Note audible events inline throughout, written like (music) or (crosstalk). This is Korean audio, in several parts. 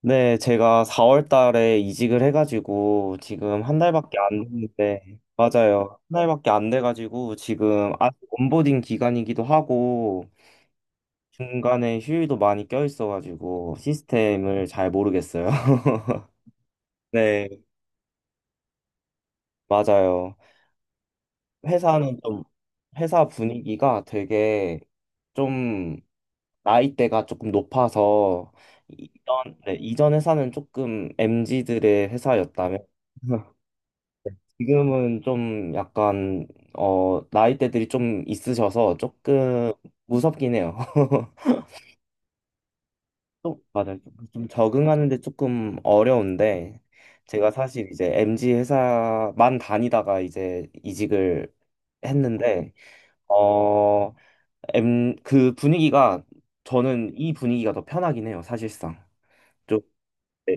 네, 제가 4월 달에 이직을 해가지고 지금 한 달밖에 안 됐는데, 맞아요. 한 달밖에 안 돼가지고 지금 아직 온보딩 기간이기도 하고 중간에 휴일도 많이 껴있어가지고 시스템을 잘 모르겠어요. (laughs) 네, 맞아요. 회사는 좀, 회사 분위기가 되게 좀 나이대가 조금 높아서 이전, 네, 이전 회사는 조금 m 지들의 회사였다면 (laughs) 지금은 좀 약간 나이대들이 좀 있으셔서 조금 무섭긴 해요. (laughs) 좀 맞아요. 좀 적응하는데 조금 어려운데 제가 사실 이제 m 지 회사만 다니다가 이제 이직을 했는데 어 엠 그 분위기가 저는 이 분위기가 더 편하긴 해요. 사실상 좀 네.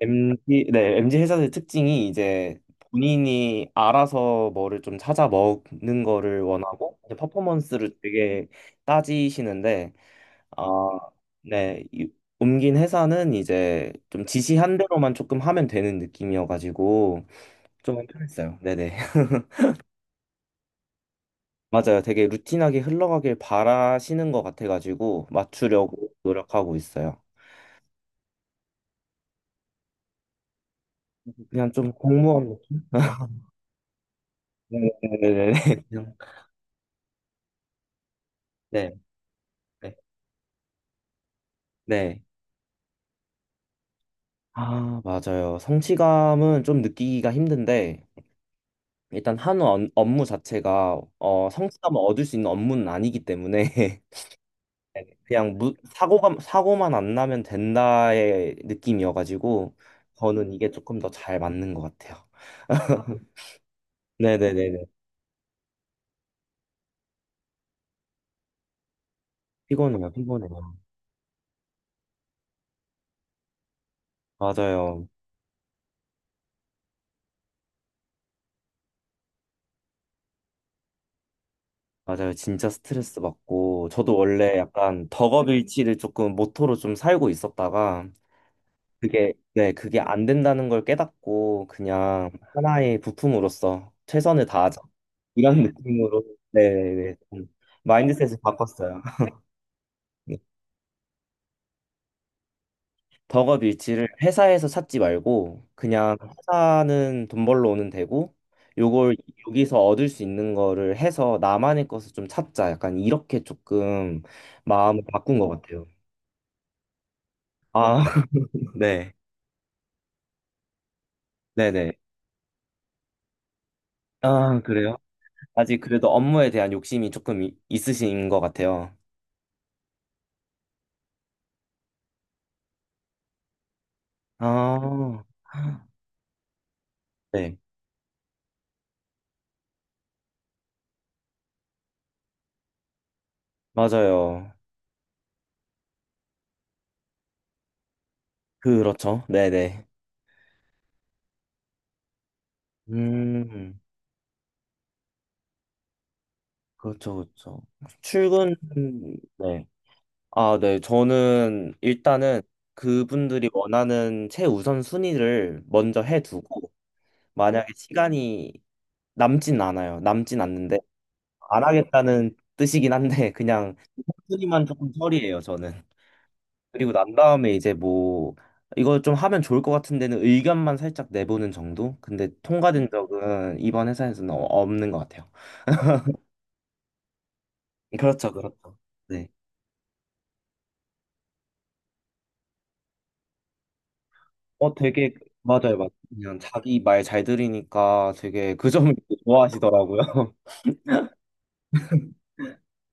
m z 네, MG 회사의 특징이 이제 본인이 알아서 뭐를 좀 찾아 먹는 거를 원하고 이제 퍼포먼스를 되게 따지시는데 아, 네, 옮긴 회사는 이제 좀 지시한 대로만 조금 하면 되는 느낌이어가지고 좀 편했어요. 네네. (laughs) 맞아요. 되게 루틴하게 흘러가길 바라시는 것 같아가지고 맞추려고 노력하고 있어요. 그냥 좀 공무원 느낌. 네네네. (laughs) 네. 네. 네. (laughs) 아, 맞아요. 성취감은 좀 느끼기가 힘든데, 일단 업무 자체가 성취감을 얻을 수 있는 업무는 아니기 때문에, (laughs) 그냥 사고만 안 나면 된다의 느낌이어가지고, 저는 이게 조금 더 잘 맞는 것 같아요. 네네네네. 피곤해요, 피곤해요. 맞아요. 맞아요. 진짜 스트레스 받고, 저도 원래 약간 덕업일치를 조금 모토로 좀 살고 있었다가, 네, 그게 안 된다는 걸 깨닫고 그냥 하나의 부품으로서 최선을 다하자. 이런 느낌으로, 네, 네, 좀 마인드셋을 바꿨어요. 네. 덕업 일치를 회사에서 찾지 말고 그냥 회사는 돈 벌러 오는 데고 요걸 여기서 얻을 수 있는 거를 해서 나만의 것을 좀 찾자. 약간 이렇게 조금 마음을 바꾼 것 같아요. 아, (laughs) 네, 네네. 아, 그래요? 아직 그래도 업무에 대한 욕심이 조금 있으신 것 같아요. 아, 네. 맞아요. 그렇죠. 네네. 음, 그렇죠, 그렇죠. 출근, 네. 아, 네. 저는 일단은 그분들이 원하는 최우선 순위를 먼저 해두고, 만약에 시간이 남진 않아요. 남진 않는데, 안 하겠다는 뜻이긴 한데, 그냥 순위만 조금 처리해요, 저는. 그리고 난 다음에 이제 뭐 이거 좀 하면 좋을 것 같은 데는 의견만 살짝 내보는 정도? 근데 통과된 적은 이번 회사에서는 없는 것 같아요. 그렇죠, 그렇죠. 네. 어, 되게 맞아요, 맞아요. 그냥 자기 말 잘 들으니까 되게 그 점을 되게 좋아하시더라고요. (laughs)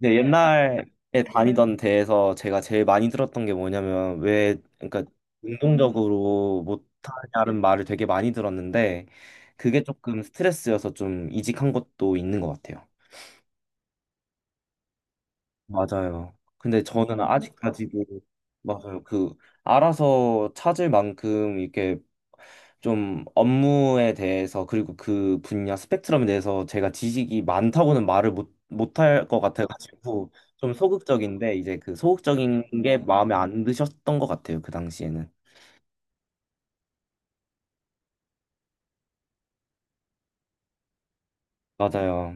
네, 옛날에 다니던 데에서 제가 제일 많이 들었던 게 뭐냐면 왜 그러니까 운동적으로 못하냐는 말을 되게 많이 들었는데 그게 조금 스트레스여서 좀 이직한 것도 있는 것 같아요. 맞아요. 근데 저는 그러니까. 아직까지도 맞아요. 그 알아서 찾을 만큼 이렇게 좀 업무에 대해서 그리고 그 분야 스펙트럼에 대해서 제가 지식이 많다고는 말을 못 못할 것 같아가지고 좀 소극적인데 이제 그 소극적인 게 마음에 안 드셨던 것 같아요. 그 당시에는. 맞아요.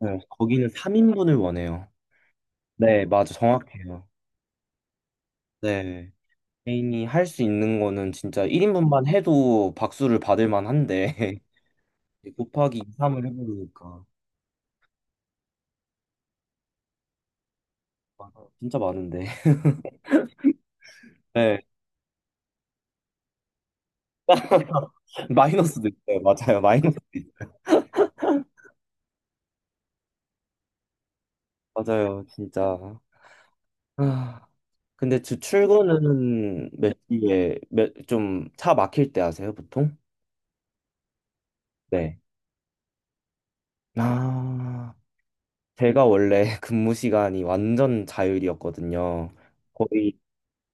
네, 거기는 3인분을 원해요. 네, 맞아. 정확해요. 네. 개인이 할 수 있는 거는 진짜 1인분만 해도 박수를 받을 만한데 이제 곱하기 2, 3을 해버리니까 아, 진짜 많은데. (laughs) 네, 마이너스도 있어요. 맞아요, 마이너스. 맞아요, 진짜. 아, 근데 주 출근은 몇 시에, 좀 차 막힐 때 하세요, 보통? 네. 아, 제가 원래 (laughs) 근무 시간이 완전 자율이었거든요. 거의,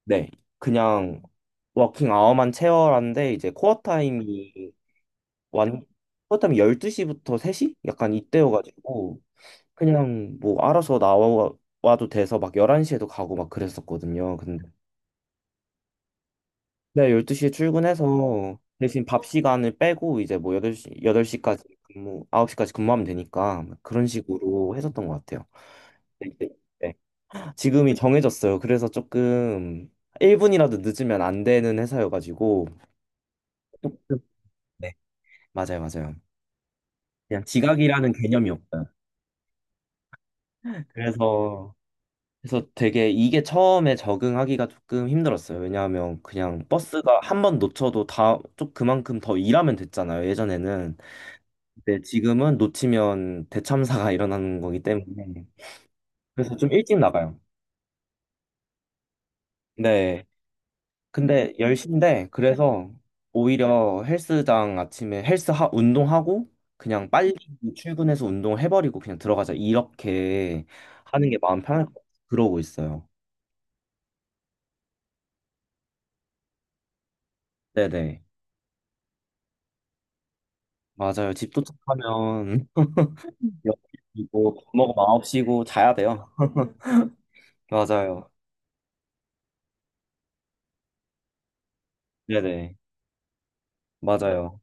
네, 그냥 워킹 아워만 채워라는데 이제 완, 코어 타임이 12시부터 3시? 약간 이때여가지고 그냥 뭐 알아서 나와 와도 돼서 막 11시에도 가고 막 그랬었거든요. 근데 네, 12시에 출근해서 대신 밥 시간을 빼고 이제 뭐 8시 여덟 시까지 근무 9시까지 근무하면 되니까 그런 식으로 했었던 것 같아요. 네, 네, 네. 지금이 정해졌어요. 그래서 조금 1분이라도 늦으면 안 되는 회사여가지고 조금 네, 맞아요, 맞아요. 그냥 지각이라는 개념이 없어요. 그래서 그래서 되게 이게 처음에 적응하기가 조금 힘들었어요. 왜냐하면 그냥 버스가 한 번 놓쳐도 다, 좀 그만큼 더 일하면 됐잖아요. 예전에는. 근데 지금은 놓치면 대참사가 (laughs) 일어나는 거기 때문에. 그래서 좀 일찍 나가요. 네. 근데 10시인데, 그래서 오히려 헬스장 아침에 운동하고, 그냥 빨리 출근해서 운동을 해버리고 그냥 들어가자. 이렇게 하는 게 마음 편할 것 같아요. 그러고 있어요. 네네. 맞아요. 집 도착하면 여기고 밥 먹으면 9시고 자야 돼요. 맞아요. 네네. 맞아요.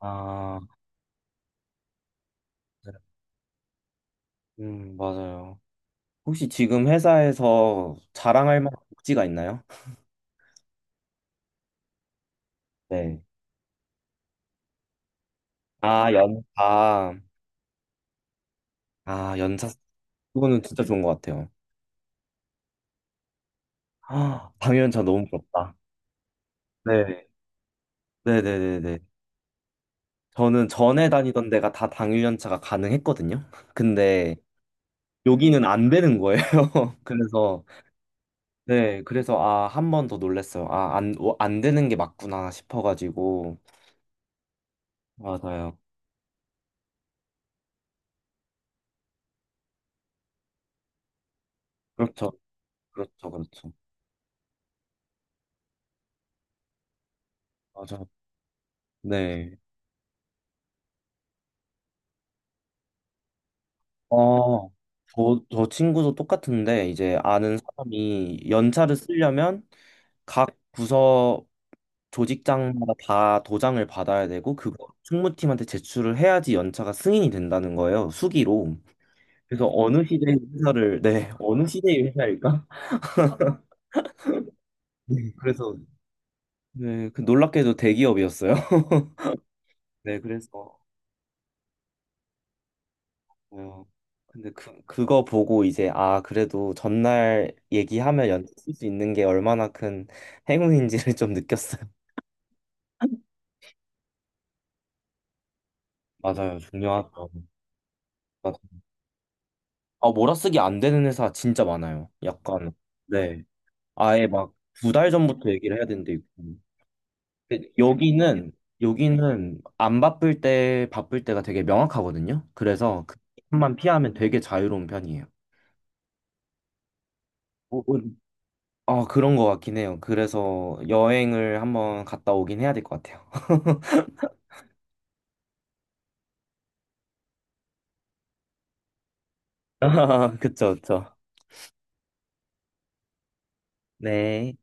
아, 네. 맞아요. 혹시 지금 회사에서 자랑할 만한 복지가 있나요? 네. 아, 연차. 아, 연차. 그거는 진짜 좋은 것 같아요. (gasps) 아, 당연차 너무 부럽다. 네. 네네네네. 저는 전에 다니던 데가 다 당일 연차가 가능했거든요. 근데 여기는 안 되는 거예요. (laughs) 그래서 네, 그래서 아, 한 번 더 놀랬어요. 아, 안 되는 게 맞구나 싶어가지고. 맞아요. 그렇죠. 그렇죠. 그렇죠. 맞아요. 네. 어, 저 친구도 똑같은데, 이제 아는 사람이 연차를 쓰려면 각 부서 조직장마다 다 도장을 받아야 되고, 그거 총무팀한테 제출을 해야지 연차가 승인이 된다는 거예요. 수기로. 그래서 네, 어느 시대의 회사일까? (laughs) 네, 네, 그 놀랍게도 대기업이었어요. 네, 그래서 어, 근데 그거 보고 이제 아 그래도 전날 얘기하면 연습 쓸 수 있는 게 얼마나 큰 행운인지를 (laughs) 좀 느꼈어요. 맞아요, 중요하죠. 맞아. 아 몰아쓰기 안 되는 회사 진짜 많아요. 약간 네, 아예 막 두 달 전부터 얘기를 해야 되는데 데 여기는 안 바쁠 때 바쁠 때가 되게 명확하거든요. 그래서 그만 피하면 되게 자유로운 편이에요. 어, 어, 그런 것 같긴 해요. 그래서 여행을 한번 갔다 오긴 해야 될 것 같아요. (laughs) 그쵸, 그쵸. 네.